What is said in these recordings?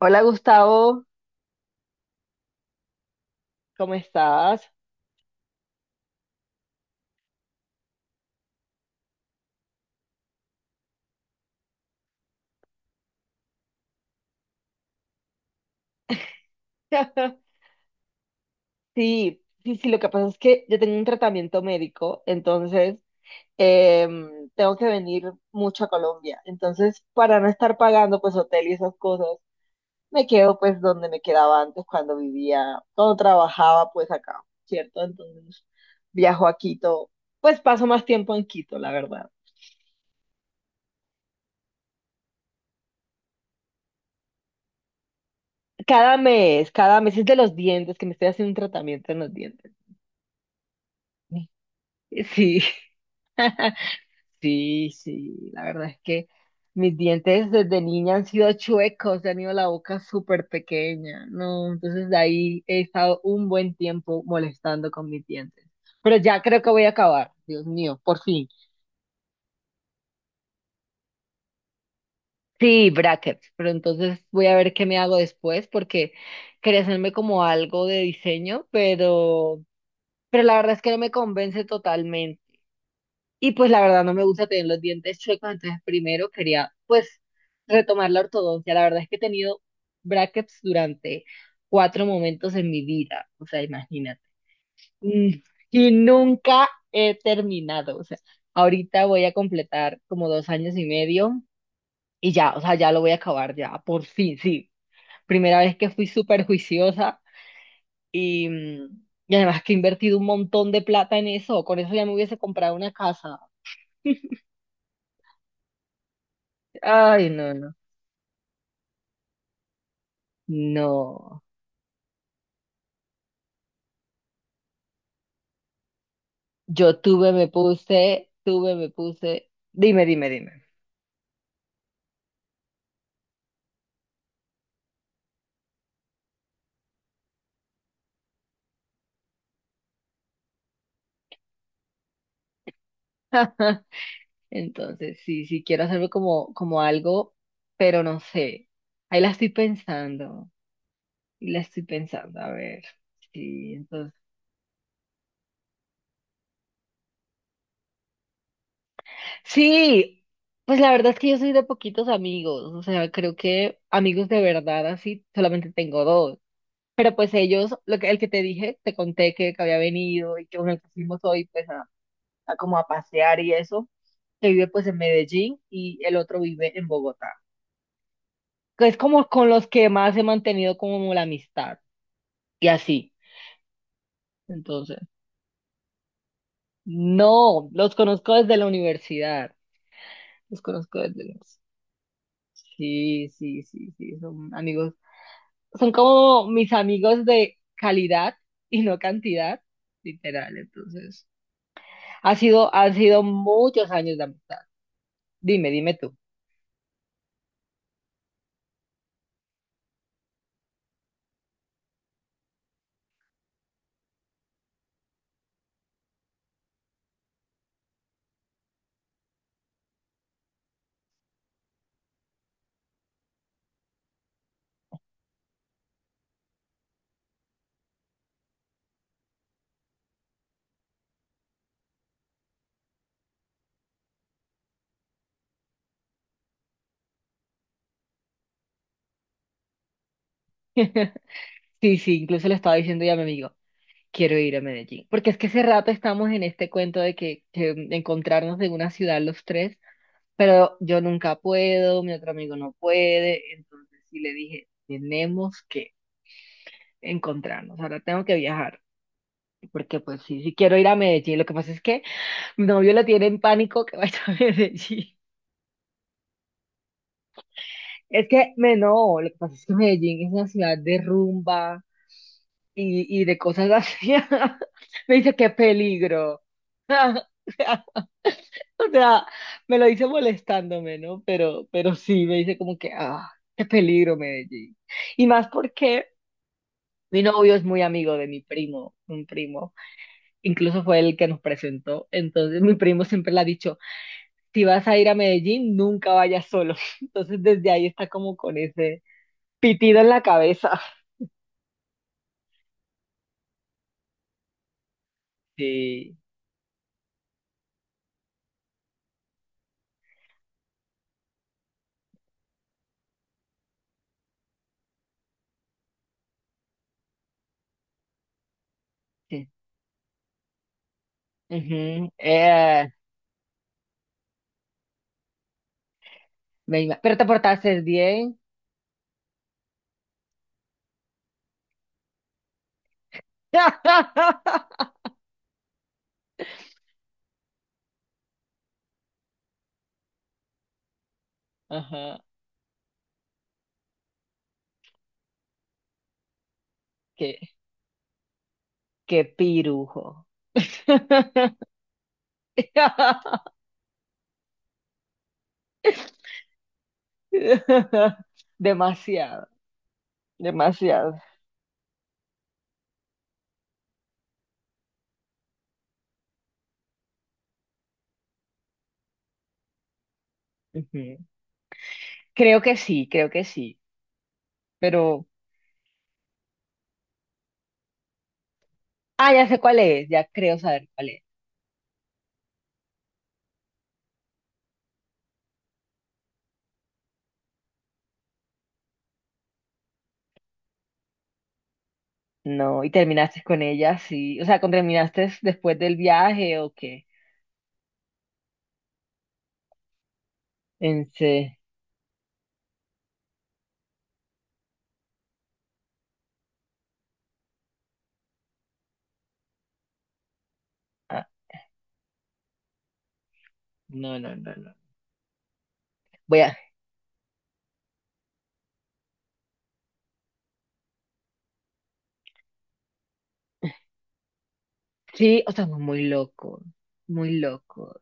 Hola Gustavo, ¿cómo estás? Sí, sí, sí, lo que pasa es que yo tengo un tratamiento médico, entonces tengo que venir mucho a Colombia. Entonces, para no estar pagando pues hotel y esas cosas, me quedo pues donde me quedaba antes cuando vivía, cuando trabajaba pues acá, ¿cierto? Entonces viajo a Quito, pues paso más tiempo en Quito, la verdad. Cada mes es de los dientes, que me estoy haciendo un tratamiento en los dientes. Sí. Sí, sí, la verdad es que mis dientes desde niña han sido chuecos, he tenido la boca súper pequeña, ¿no? Entonces de ahí he estado un buen tiempo molestando con mis dientes. Pero ya creo que voy a acabar, Dios mío, por fin. Sí, brackets, pero entonces voy a ver qué me hago después porque quería hacerme como algo de diseño, pero la verdad es que no me convence totalmente. Y pues la verdad no me gusta tener los dientes chuecos, entonces primero quería pues retomar la ortodoncia. La verdad es que he tenido brackets durante cuatro momentos en mi vida, o sea, imagínate. Mm, Y nunca he terminado, o sea, ahorita voy a completar como 2 años y medio y ya, o sea, ya lo voy a acabar ya, por fin, sí. Primera vez que fui súper juiciosa y, mm, y además que he invertido un montón de plata en eso, con eso ya me hubiese comprado una casa. Ay, no, no. No, yo tuve, me puse, tuve, me puse. Dime, dime, dime. Entonces, sí, sí quiero hacerlo como algo, pero no sé. Ahí la estoy pensando. Y la estoy pensando, a ver. Sí, entonces. Sí, pues la verdad es que yo soy de poquitos amigos. O sea, creo que amigos de verdad así solamente tengo dos. Pero pues ellos, lo que, el que te dije, te conté que, había venido y que uno que fuimos hoy, pues. A como a pasear y eso, que vive pues en Medellín y el otro vive en Bogotá, que es como con los que más he mantenido como la amistad y así. Entonces, no, los conozco desde la universidad, los conozco desde la universidad. Sí, sí, sí, sí, son amigos, son como mis amigos de calidad y no cantidad, literal, entonces. Han sido muchos años de amistad. Dime, dime tú. Sí, sí, incluso le estaba diciendo ya a mi amigo. Quiero ir a Medellín, porque es que hace rato estamos en este cuento de que, encontrarnos en una ciudad los tres, pero yo nunca puedo, mi otro amigo no puede, entonces sí le dije, tenemos que encontrarnos, ahora tengo que viajar, porque pues sí, sí quiero ir a Medellín, lo que pasa es que mi novio le tiene en pánico que vaya a Medellín. Es que, no, lo que pasa es que Medellín es una ciudad de rumba y de cosas así. Me dice, qué peligro. O sea, me lo dice molestándome, ¿no? Pero sí, me dice como que, ah, qué peligro Medellín. Y más porque mi novio es muy amigo de mi primo, un primo, incluso fue el que nos presentó. Entonces mi primo siempre le ha dicho, si vas a ir a Medellín, nunca vayas solo. Entonces desde ahí está como con ese pitido en la cabeza. Sí, sí. Ujú. Pero te portaste bien. Ajá, qué, qué pirujo. Demasiado, demasiado. Ujú. Creo que sí, creo que sí. Pero, ya sé cuál es, ya creo saber cuál es. No, y terminaste con ella, sí. O sea, ¿con terminaste después del viaje o qué? En se- ah, no, no, no, no. Voy a. Sí, o sea, muy loco, muy loco.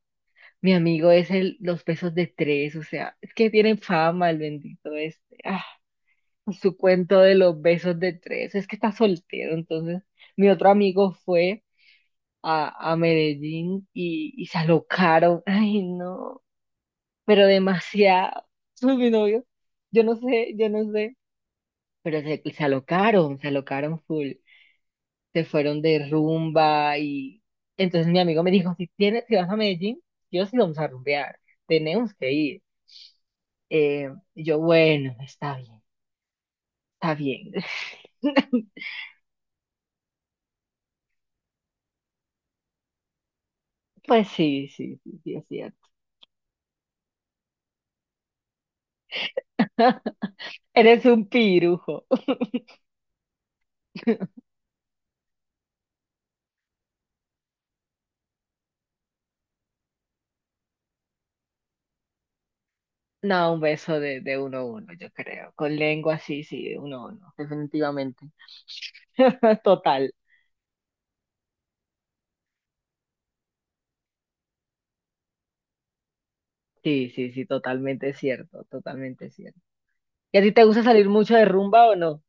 Mi amigo es los besos de tres, o sea, es que tienen fama el bendito este. Ah, su cuento de los besos de tres. Es que está soltero, entonces mi otro amigo fue a Medellín y se alocaron. Ay, no, pero demasiado. Mi novio, yo no sé, pero se alocaron, se alocaron full. Se fueron de rumba y entonces mi amigo me dijo, si vas a Medellín, yo sí vamos a rumbear, tenemos que ir. Y yo, bueno, está bien, está bien. Pues sí, sí, sí, sí, es cierto. Eres un pirujo. No, un beso de uno a uno, yo creo. Con lengua, sí, sí, de uno a uno, definitivamente. Total. Sí, sí, sí, totalmente cierto, totalmente cierto. ¿Y a ti te gusta salir mucho de rumba o no?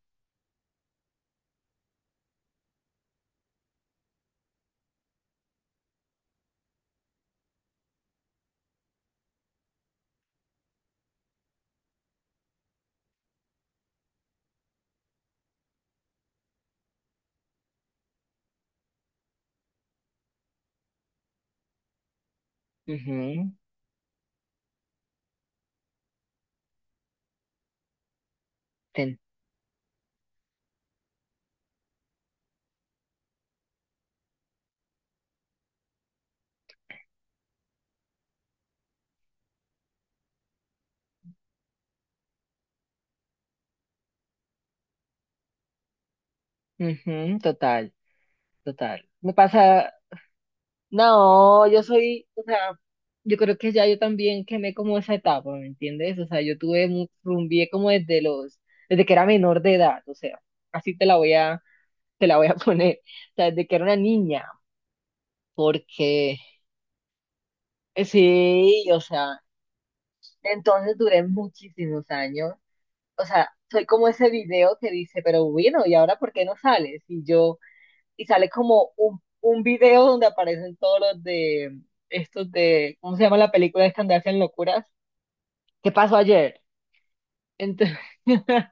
Ujú, ten- ujú, total, total. Me pasa, no, yo soy, o sea, yo creo que ya yo también quemé como esa etapa, ¿me entiendes? O sea, yo tuve, rumbié como desde que era menor de edad, o sea, así te la voy a poner, o sea, desde que era una niña, porque sí, o sea, entonces duré muchísimos años, o sea, soy como ese video que dice, pero bueno, ¿y ahora por qué no sales? Y yo, y sale como un video donde aparecen todos los de, estos de, ¿cómo se llama la película de Escandalcia en Locuras? ¿Qué pasó ayer? Entonces,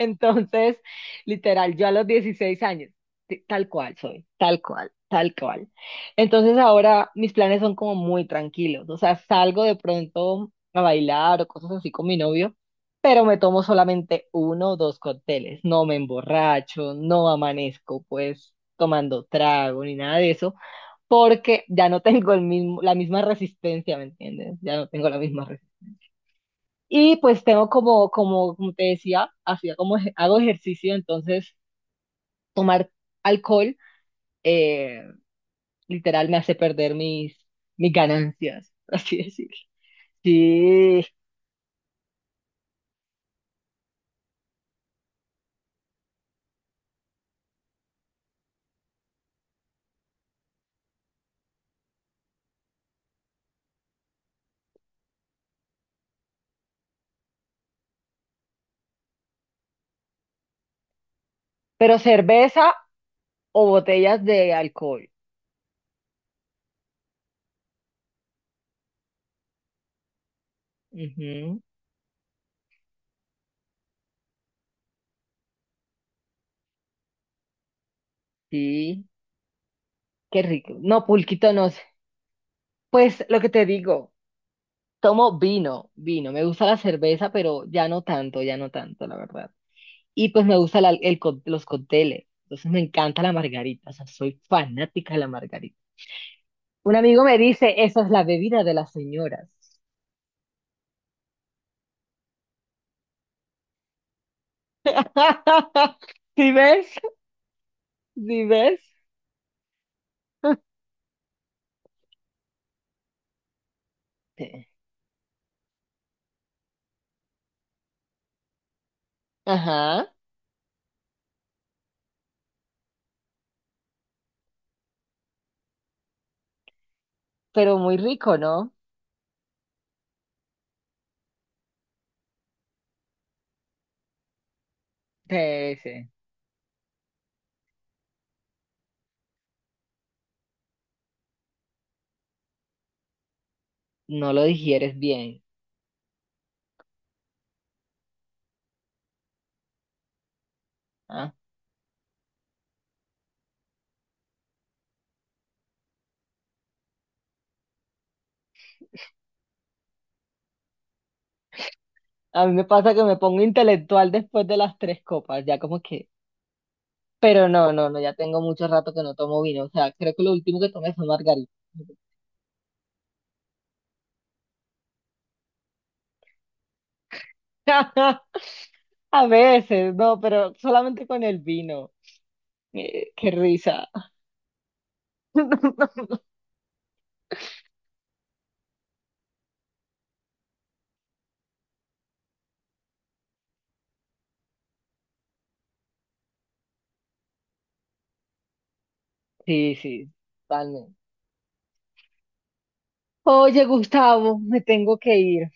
entonces, literal, yo a los 16 años, tal cual soy, tal cual, tal cual. Entonces ahora mis planes son como muy tranquilos, o sea, salgo de pronto a bailar o cosas así con mi novio, pero me tomo solamente uno o dos cócteles, no me emborracho, no amanezco pues tomando trago ni nada de eso, porque ya no tengo la misma resistencia, ¿me entiendes? Ya no tengo la misma resistencia. Y pues tengo como te decía, hago ejercicio, entonces tomar alcohol eh, literal me hace perder mis ganancias, por así decirlo. Sí, pero cerveza o botellas de alcohol. Ujú. Sí, qué rico. No, pulquito no sé. Pues lo que te digo, tomo vino, vino. Me gusta la cerveza, pero ya no tanto, la verdad. Y pues me gusta los cócteles. Entonces me encanta la margarita, o sea, soy fanática de la margarita. Un amigo me dice, esa es la bebida de las señoras. ¿Sí ves? ¿Sí ves? Sí. Ajá, pero muy rico, ¿no? Sí, sí. No lo digieres bien. ¿Ah? A mí me pasa que me pongo intelectual después de las tres copas, ya como que. Pero no, no, no, ya tengo mucho rato que no tomo vino. O sea, creo que lo último que tomé fue margarita. A veces, no, pero solamente con el vino. Qué risa. Sí, sí, totalmente. Oye, Gustavo, me tengo que ir.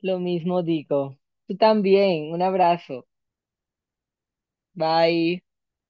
Lo mismo digo. Tú también. Un abrazo. Bye.